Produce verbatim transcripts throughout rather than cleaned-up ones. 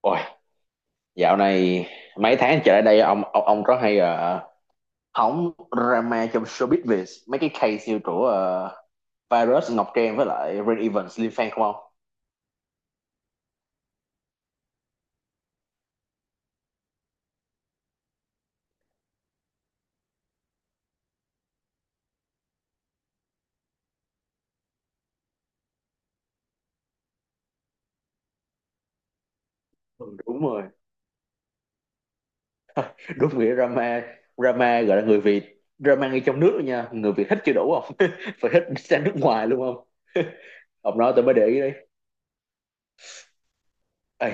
Ôi, dạo này mấy tháng trở lại đây ông ông ông rất hay ờ, hóng drama trong showbiz Việt mấy cái case như của ờ, Virus Ngọc Trang với lại Rain Evans Liêm Phan không ông? Ừ, đúng rồi, đúng nghĩa drama, drama gọi là người Việt drama ngay trong nước luôn nha, người Việt thích chưa đủ không? Phải thích sang nước ngoài luôn không? Ông nói tôi mới để ý đấy. Ê,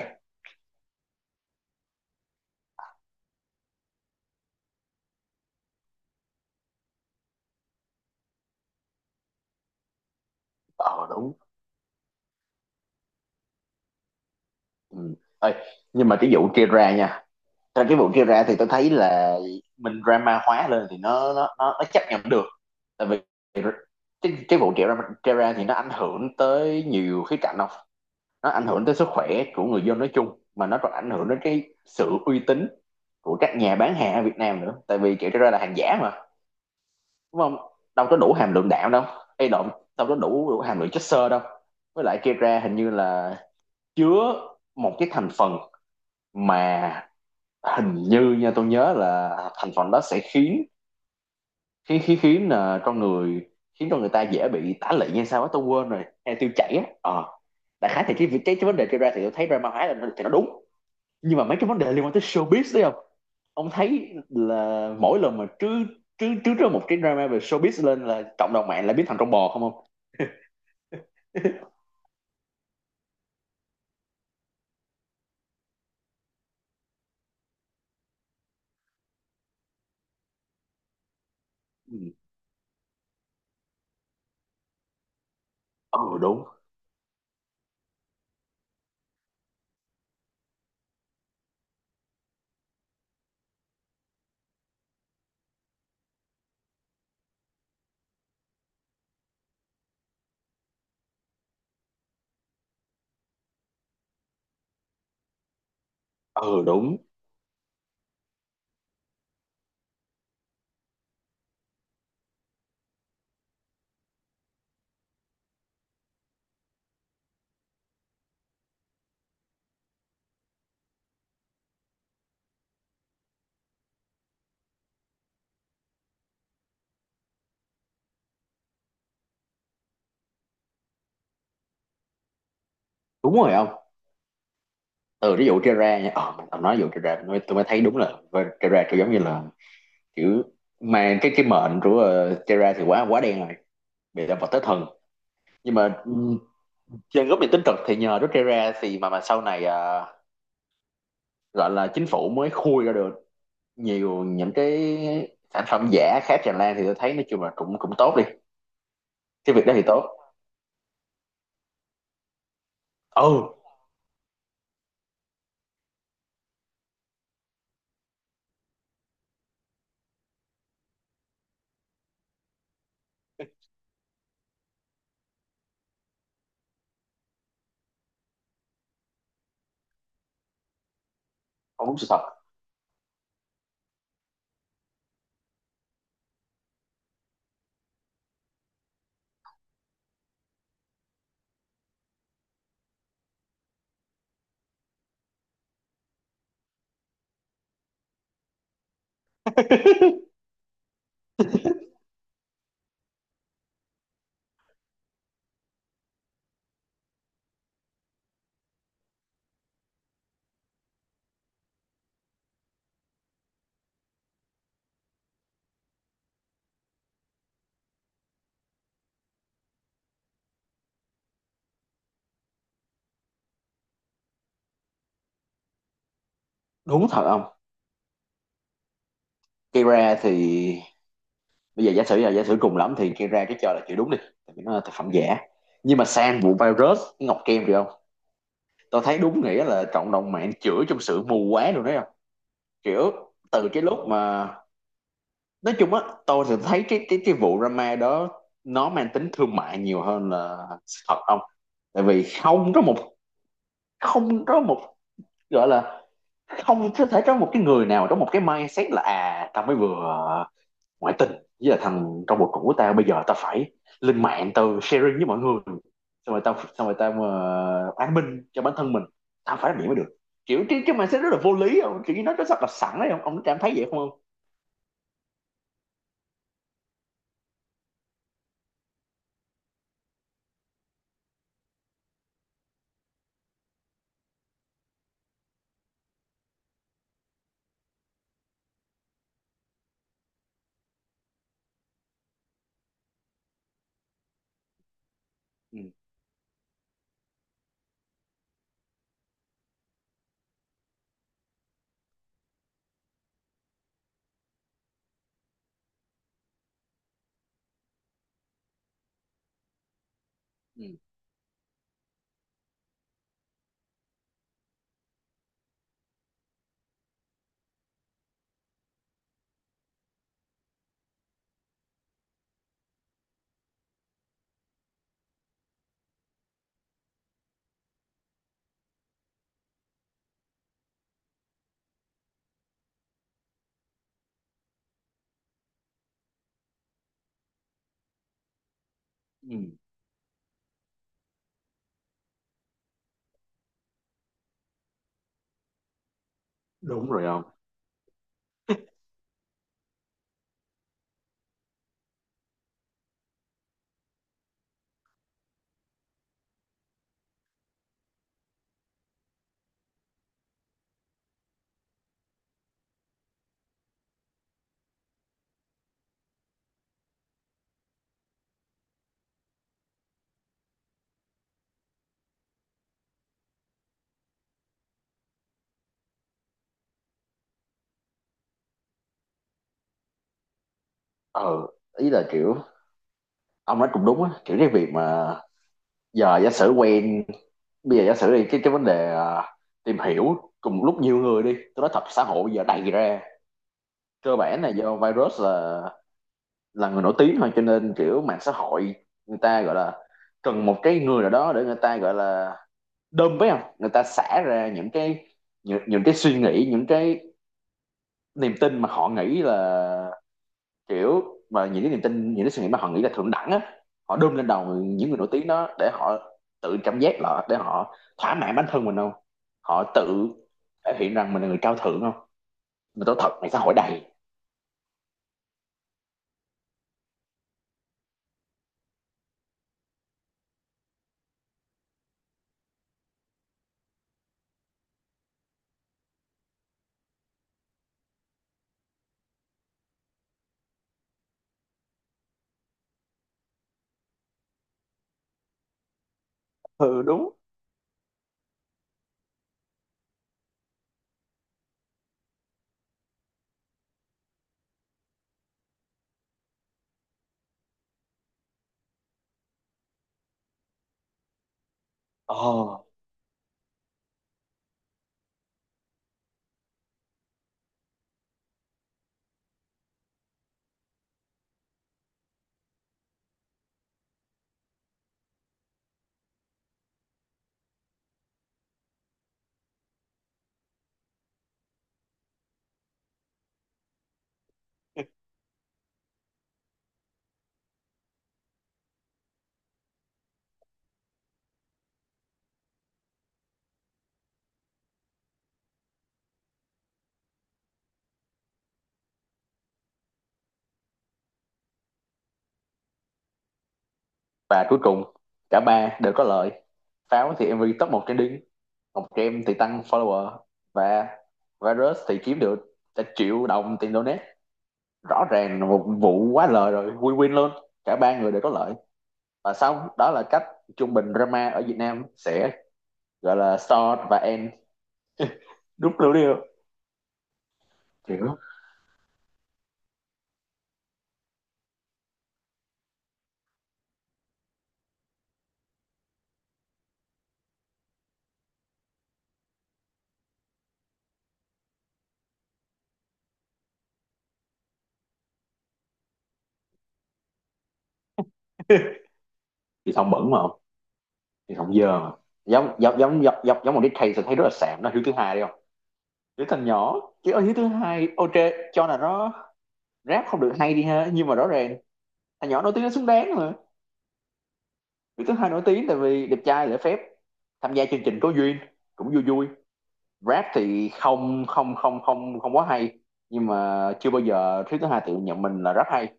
ờ đúng. Ừ. Ê, nhưng mà cái vụ kia ra nha. Trong cái vụ kia ra thì tôi thấy là mình drama hóa lên thì nó nó nó, nó chấp nhận được, tại vì cái, cái vụ trẻ ra, trẻ ra thì nó ảnh hưởng tới nhiều khía cạnh không, nó ảnh hưởng tới sức khỏe của người dân nói chung, mà nó còn ảnh hưởng đến cái sự uy tín của các nhà bán hàng ở Việt Nam nữa, tại vì trẻ ra là hàng giả mà, đúng không, đâu có đủ hàm lượng đạm đâu, hay động, đâu có đủ, đủ hàm lượng chất xơ đâu, với lại trẻ ra hình như là chứa một cái thành phần mà hình như nha, tôi nhớ là thành phần đó sẽ khiến, khí khí khiến là con người, khiến cho người ta dễ bị tả lị hay sao á, tôi quên rồi, hay tiêu chảy á, ờ đại khái thì cái, cái cái vấn đề kia ra thì tôi thấy drama hóa là nó- thì nó đúng, nhưng mà mấy cái vấn đề liên quan tới showbiz đấy không, ông thấy là mỗi lần mà trứ trứ trứ ra một cái drama về showbiz lên là cộng đồng mạng lại biến thành con bò không không. Ừ. Ờ, đúng. Ừ đúng. Đúng rồi không. Từ ví dụ Terra nha, ờ mình ông nói ví dụ Terra tôi mới, tôi mới thấy đúng là với Terra kiểu giống như là kiểu mà cái cái mệnh của uh, Terra thì quá quá đen rồi, bị là vật tới thần, nhưng mà ừ, trên góc nhìn tích cực thì nhờ Rút ra thì mà mà sau này à, gọi là chính phủ mới khui ra được nhiều những cái sản phẩm giả khác tràn lan thì tôi thấy nói chung là cũng cũng tốt đi, cái việc đó thì tốt. Ừ, không đúng sự thật. Đúng thật không. Kira thì bây giờ giả sử là, giả sử cùng lắm thì Kira cái cho là chữ đúng đi, tại vì nó là thực phẩm giả, nhưng mà sang vụ virus ngọc kem rồi không, tôi thấy đúng nghĩa là cộng đồng mạng chửi trong sự mù quáng rồi đấy không, kiểu từ cái lúc mà nói chung á, tôi thì thấy cái cái cái vụ drama đó nó mang tính thương mại nhiều hơn là sự thật không, tại vì không có một không có một gọi là không có thể có một cái người nào trong một cái mindset là, à tao mới vừa ngoại tình với là thằng trong một cuộc của tao, bây giờ tao phải lên mạng tao sharing với mọi người, xong rồi tao, xong rồi tao uh, an minh cho bản thân mình, tao phải làm gì mới được, kiểu cái cái mindset rất là vô lý không, kiểu như nó rất là sẵn đấy không, ông cảm thấy vậy không không. Ừ, ừ, ừ. Đúng, đúng rồi. Ờ ý là kiểu ông nói cũng đúng á, kiểu cái việc mà giờ giả sử quen, bây giờ giả sử đi cái cái vấn đề à, tìm hiểu cùng lúc nhiều người đi, tôi nói thật xã hội bây giờ đầy ra, cơ bản là do virus là là người nổi tiếng thôi, cho nên kiểu mạng xã hội người ta gọi là cần một cái người nào đó để người ta gọi là đơm với không, người ta xả ra những cái những, những cái suy nghĩ, những cái niềm tin mà họ nghĩ là kiểu, mà những cái niềm tin, những cái suy nghĩ mà họ nghĩ là thượng đẳng á, họ đơm lên đầu những người nổi tiếng đó để họ tự cảm giác là, để họ thỏa mãn bản thân mình không, họ tự thể hiện rằng mình là người cao thượng không, mình tốt thật, này xã hội đầy. Ừ đúng. Ồ. Và cuối cùng cả ba đều có lợi, pháo thì em MV top một trending, ngọc kem thì tăng follower, và virus thì kiếm được cả triệu đồng tiền donate, rõ ràng là một vụ quá lời rồi, win win luôn, cả ba người đều có lợi, và xong đó là cách trung bình drama ở Việt Nam sẽ gọi là start và end, đúng lưu đi hiểu. Thì thông bẩn mà không, thì thông dơ mà, giống giống giống giống giống một cái case tôi thấy rất là sạm đó, hiếu thứ hai đi không, đứa thằng nhỏ, chứ ở hiếu thứ hai ok, cho là nó rap không được hay đi ha, nhưng mà rõ ràng thằng nhỏ nổi tiếng nó xứng đáng mà, hiếu thứ hai nổi tiếng tại vì đẹp trai, lễ phép, tham gia chương trình có duyên, cũng vui vui, rap thì không không không không không quá hay, nhưng mà chưa bao giờ hiếu thứ hai tự nhận mình là rap hay,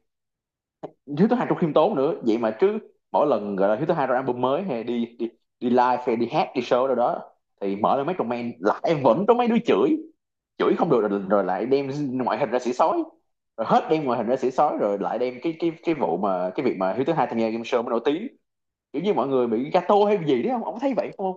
Hiếu thứ hai trong khiêm tốn nữa vậy mà chứ, mỗi lần gọi là Hiếu thứ hai ra album mới hay đi đi đi live hay đi hát đi show đâu đó, thì mở lên mấy comment lại vẫn có mấy đứa chửi, chửi không được rồi, rồi lại đem ngoại hình ra xỉ sói, rồi hết đem ngoại hình ra xỉ sói rồi lại đem cái cái cái vụ mà cái việc mà Hiếu thứ hai tham gia game show mới nổi tiếng, kiểu như mọi người bị gato hay gì đấy không, ông thấy vậy không?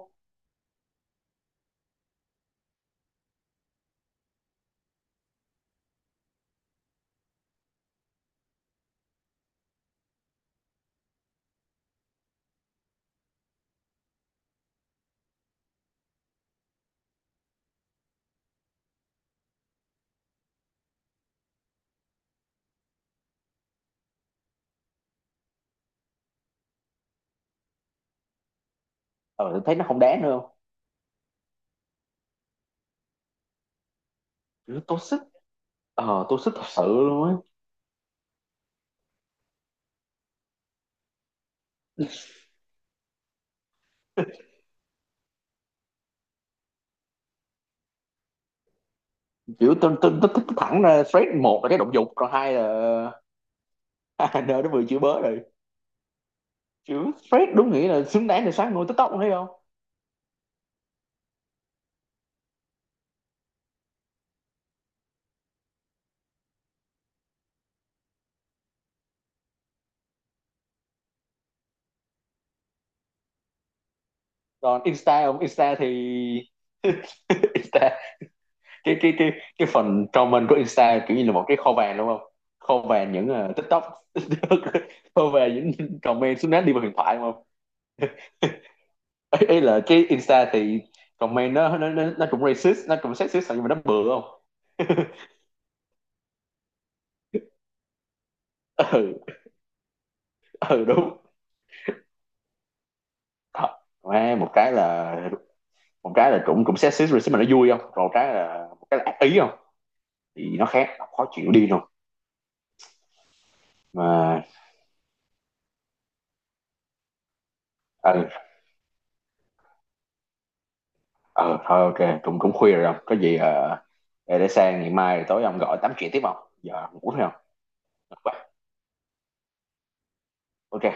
Ờ thấy nó không đáng nữa không, kiểu tôi sức, ờ tôi sức thật sự luôn á, kiểu tôi tôi tôi thẳng ra straight một là cái động dục còn hai là nơi nó vừa chửi bớ rồi, chữ Fred đúng nghĩa là xứng đáng để sáng ngôi TikTok thấy không. Còn Insta không, Insta thì Insta, cái cái cái cái phần comment của Insta kiểu như là một cái kho vàng đúng không, kho vàng những ờ, TikTok, kho vàng những comment xứng đáng đi vào huyền thoại đúng không. Ấy, ấy là cái Insta thì comment nó nó nó, nó cũng racist, nó cũng sexist, nhưng mà nó bừa không. Ừ. Ừ đúng. Đó. Một cái là, một cái là cũng cũng sexist racist mà nó vui không, còn một cái là, một cái là ác ý không, thì nó khác, khó chịu đi rồi mà. Ừ, ừ thôi ok cũng cũng khuya rồi không có gì, ờ, để để sang ngày mai tối ông gọi tám chuyện tiếp không, giờ ngủ thấy không. Ok. Ok.